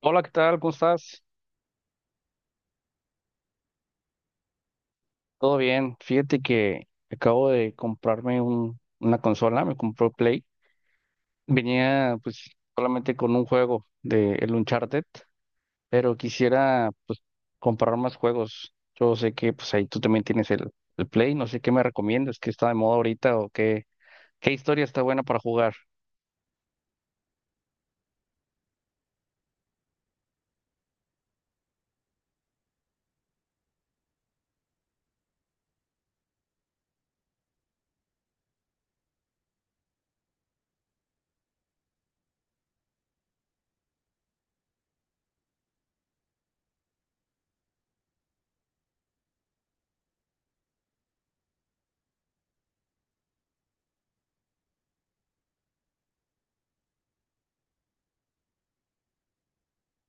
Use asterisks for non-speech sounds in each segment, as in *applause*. Hola, ¿qué tal? ¿Cómo estás? ¿Todo bien? Fíjate que acabo de comprarme una consola, me compró Play. Venía pues solamente con un juego de el Uncharted, pero quisiera pues comprar más juegos. Yo sé que pues ahí tú también tienes el Play, no sé qué me recomiendas, qué está de moda ahorita o qué historia está buena para jugar.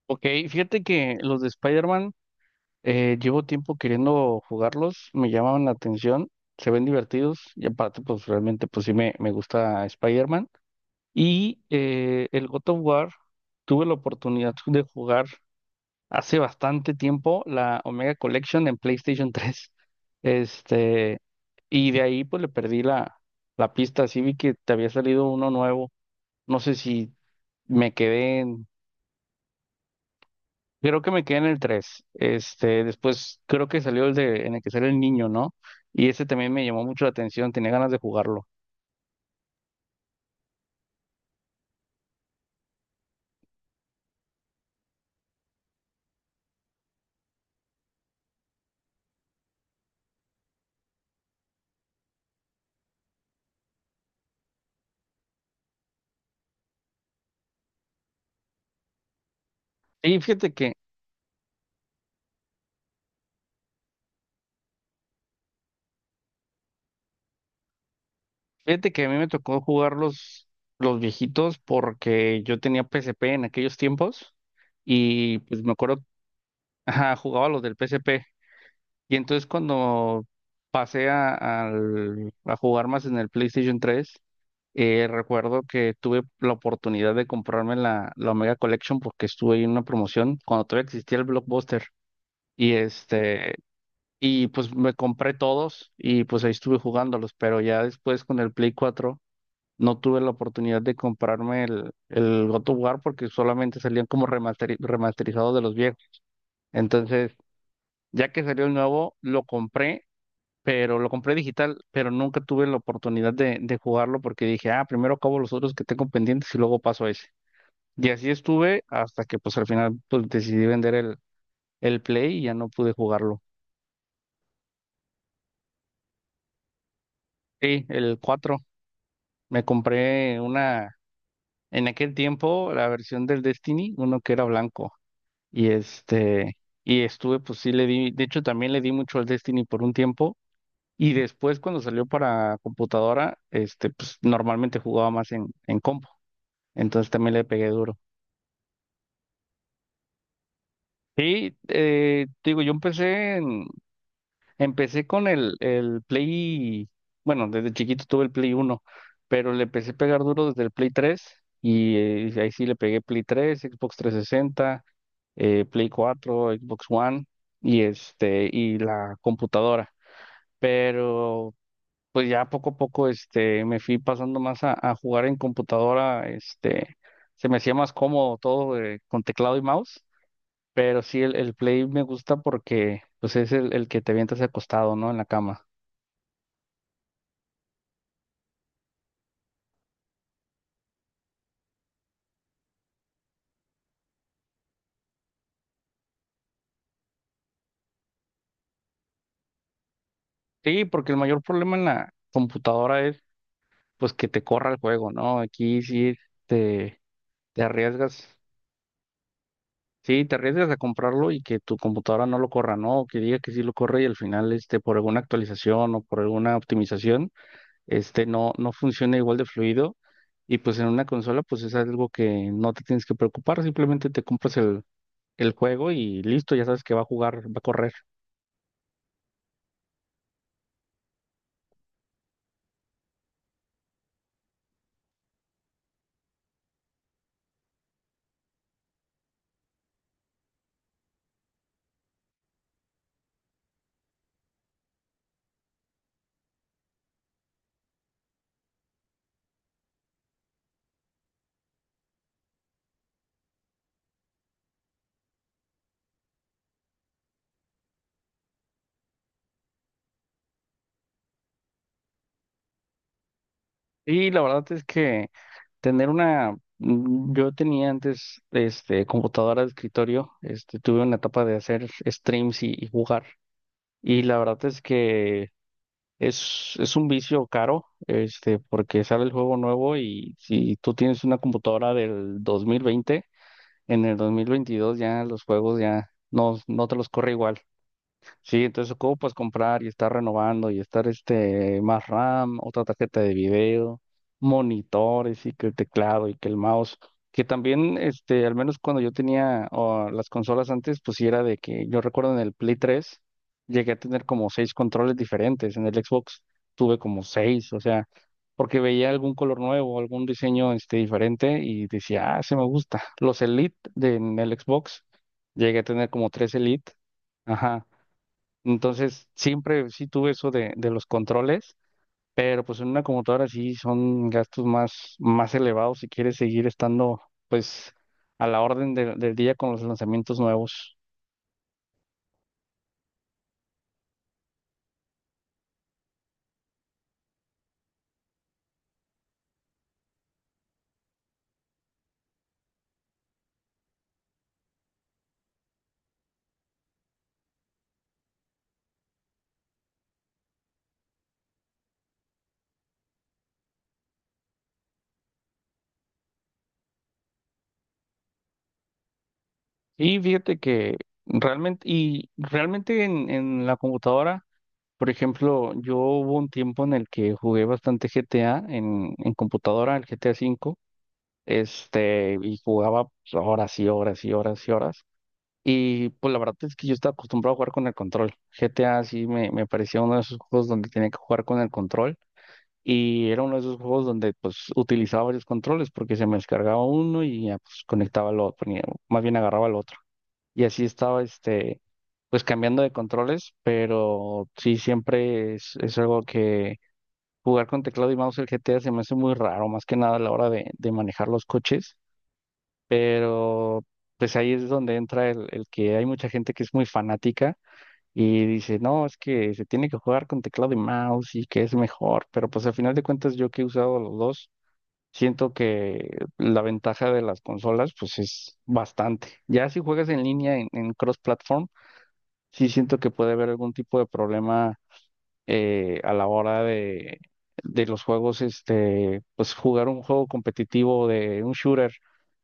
Ok, fíjate que los de Spider-Man. Llevo tiempo queriendo jugarlos, me llamaban la atención, se ven divertidos y aparte pues realmente pues sí me gusta Spider-Man. Y el God of War tuve la oportunidad de jugar hace bastante tiempo la Omega Collection en PlayStation *laughs* 3. Este, y de ahí pues le perdí la pista, así vi que te había salido uno nuevo, no sé si me quedé. Creo que me quedé en el tres. Después creo que salió el de en el que sale el niño, ¿no? Y ese también me llamó mucho la atención, tenía ganas de jugarlo. Y fíjate que a mí me tocó jugar los viejitos porque yo tenía P S P en aquellos tiempos y pues me acuerdo. Ajá, jugaba los del P S P. Y entonces cuando pasé a jugar más en el PlayStation tres. Recuerdo que tuve la oportunidad de comprarme la Omega Collection porque estuve ahí en una promoción cuando todavía existía el Blockbuster. Y este, y pues me compré todos y pues ahí estuve jugándolos, pero ya después con el Play 4 no tuve la oportunidad de comprarme el God of War porque solamente salían como remasterizados de los viejos. Entonces, ya que salió el nuevo, lo compré, pero lo compré digital, pero nunca tuve la oportunidad de jugarlo porque dije, ah, primero acabo los otros que tengo pendientes y luego paso a ese. Y así estuve hasta que pues al final pues decidí vender el Play y ya no pude jugarlo. Sí, el cuatro. Me compré una, en aquel tiempo, la versión del Destiny, uno que era blanco. Y este, y estuve, pues sí le di, de hecho también le di mucho al Destiny por un tiempo. Y después cuando salió para computadora, pues normalmente jugaba más en compu. Entonces también le pegué duro. Sí, te digo, yo empecé con el Play, bueno, desde chiquito tuve el Play uno, pero le empecé a pegar duro desde el Play tres. Y ahí sí le pegué Play tres, Xbox 360, Play cuatro, Xbox One y y la computadora. Pero pues ya poco a poco me fui pasando más a jugar en computadora, se me hacía más cómodo todo, con teclado y mouse. Pero sí, el play me gusta porque pues es el que te avientas acostado, ¿no? En la cama. Sí, porque el mayor problema en la computadora es pues que te corra el juego, ¿no? Aquí sí te, te arriesgas, sí, te arriesgas a comprarlo y que tu computadora no lo corra, ¿no? O que diga que sí lo corre y al final, por alguna actualización o por alguna optimización, no, no funciona igual de fluido. Y pues en una consola, pues es algo que no te tienes que preocupar, simplemente te compras el juego y listo, ya sabes que va a jugar, va a correr. Y la verdad es que tener una, yo tenía antes computadora de escritorio, tuve una etapa de hacer streams y jugar y la verdad es que es un vicio caro, porque sale el juego nuevo y si tú tienes una computadora del 2020, en el 2022 ya los juegos ya no, no te los corre igual. Sí, entonces ocupas comprar y estar renovando y estar más RAM, otra tarjeta de video, monitores y que el teclado y que el mouse, que también al menos cuando yo tenía, oh, las consolas antes, pues sí era de que yo recuerdo en el Play 3 llegué a tener como seis controles diferentes, en el Xbox tuve como seis, o sea, porque veía algún color nuevo, algún diseño diferente y decía, "Ah, se me gusta". Los Elite en el Xbox llegué a tener como tres Elite. Ajá. Entonces, siempre sí tuve eso de los controles, pero pues en una computadora sí son gastos más elevados si quieres seguir estando pues a la orden del día con los lanzamientos nuevos. Y fíjate que realmente en, la computadora, por ejemplo, yo hubo un tiempo en el que jugué bastante GTA en computadora, el GTA V, y jugaba pues, horas y horas y horas y horas. Y pues la verdad es que yo estaba acostumbrado a jugar con el control. GTA sí me parecía uno de esos juegos donde tenía que jugar con el control. Y era uno de esos juegos donde pues utilizaba varios controles porque se me descargaba uno y ya pues conectaba al otro, más bien agarraba el otro. Y así estaba pues cambiando de controles, pero sí siempre es algo que jugar con teclado y mouse el GTA se me hace muy raro, más que nada a la hora de manejar los coches. Pero pues ahí es donde entra el que hay mucha gente que es muy fanática y dice, no, es que se tiene que jugar con teclado y mouse y que es mejor, pero pues al final de cuentas yo que he usado los dos, siento que la ventaja de las consolas pues es bastante. Ya si juegas en línea en cross-platform, sí siento que puede haber algún tipo de problema, a la hora de los juegos, pues jugar un juego competitivo de un shooter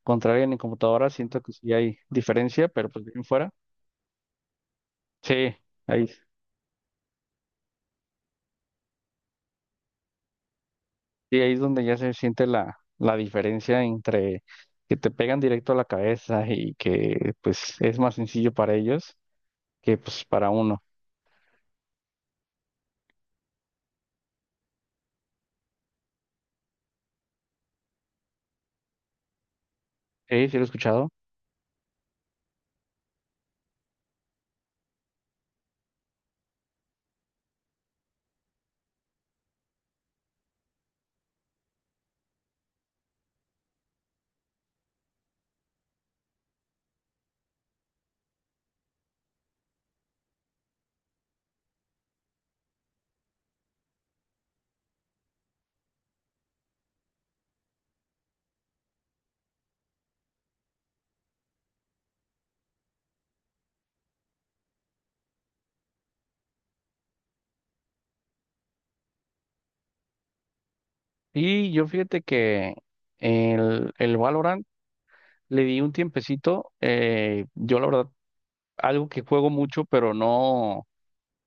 contra alguien en computadora, siento que sí hay diferencia, pero pues bien fuera. Sí, ahí ahí es donde ya se siente la diferencia entre que te pegan directo a la cabeza y que pues es más sencillo para ellos que pues para uno. Sí, sí lo he escuchado. Y yo fíjate que el Valorant le di un tiempecito. Yo la verdad, algo que juego mucho, pero no,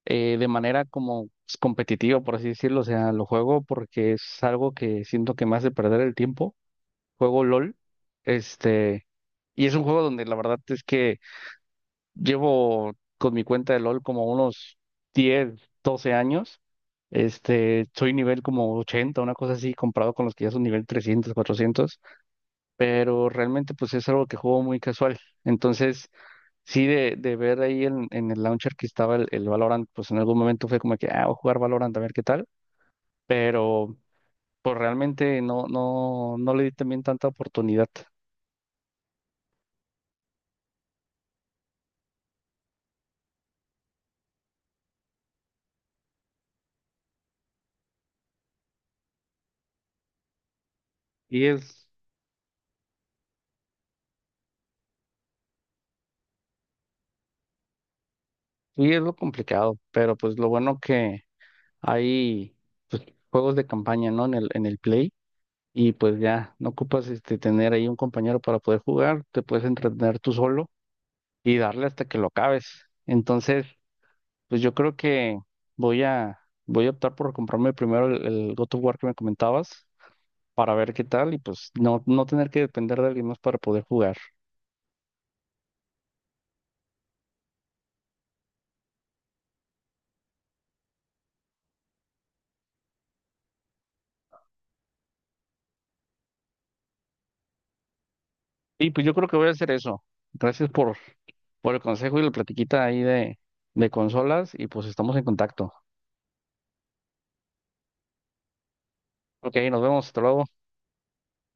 de manera como pues, competitiva, por así decirlo. O sea, lo juego porque es algo que siento que me hace perder el tiempo. Juego LOL. Este, y es un juego donde la verdad es que llevo con mi cuenta de LOL como unos 10, 12 años. Soy nivel como 80, una cosa así, comparado con los que ya son nivel 300, 400, pero realmente pues es algo que juego muy casual. Entonces, sí, de ver ahí en, el launcher que estaba el Valorant, pues en algún momento fue como que, ah, voy a jugar Valorant a ver qué tal, pero pues realmente no, no, no le di también tanta oportunidad. Y es, y es lo complicado, pero pues lo bueno que hay, pues, juegos de campaña, ¿no? En el Play y pues ya no ocupas tener ahí un compañero para poder jugar, te puedes entretener tú solo y darle hasta que lo acabes. Entonces, pues yo creo que voy a, voy a optar por comprarme primero el God of War que me comentabas para ver qué tal y pues no, no tener que depender de alguien más para poder jugar. Y pues yo creo que voy a hacer eso. Gracias por el consejo y la platiquita ahí de consolas y pues estamos en contacto. Ok, nos vemos, hasta luego.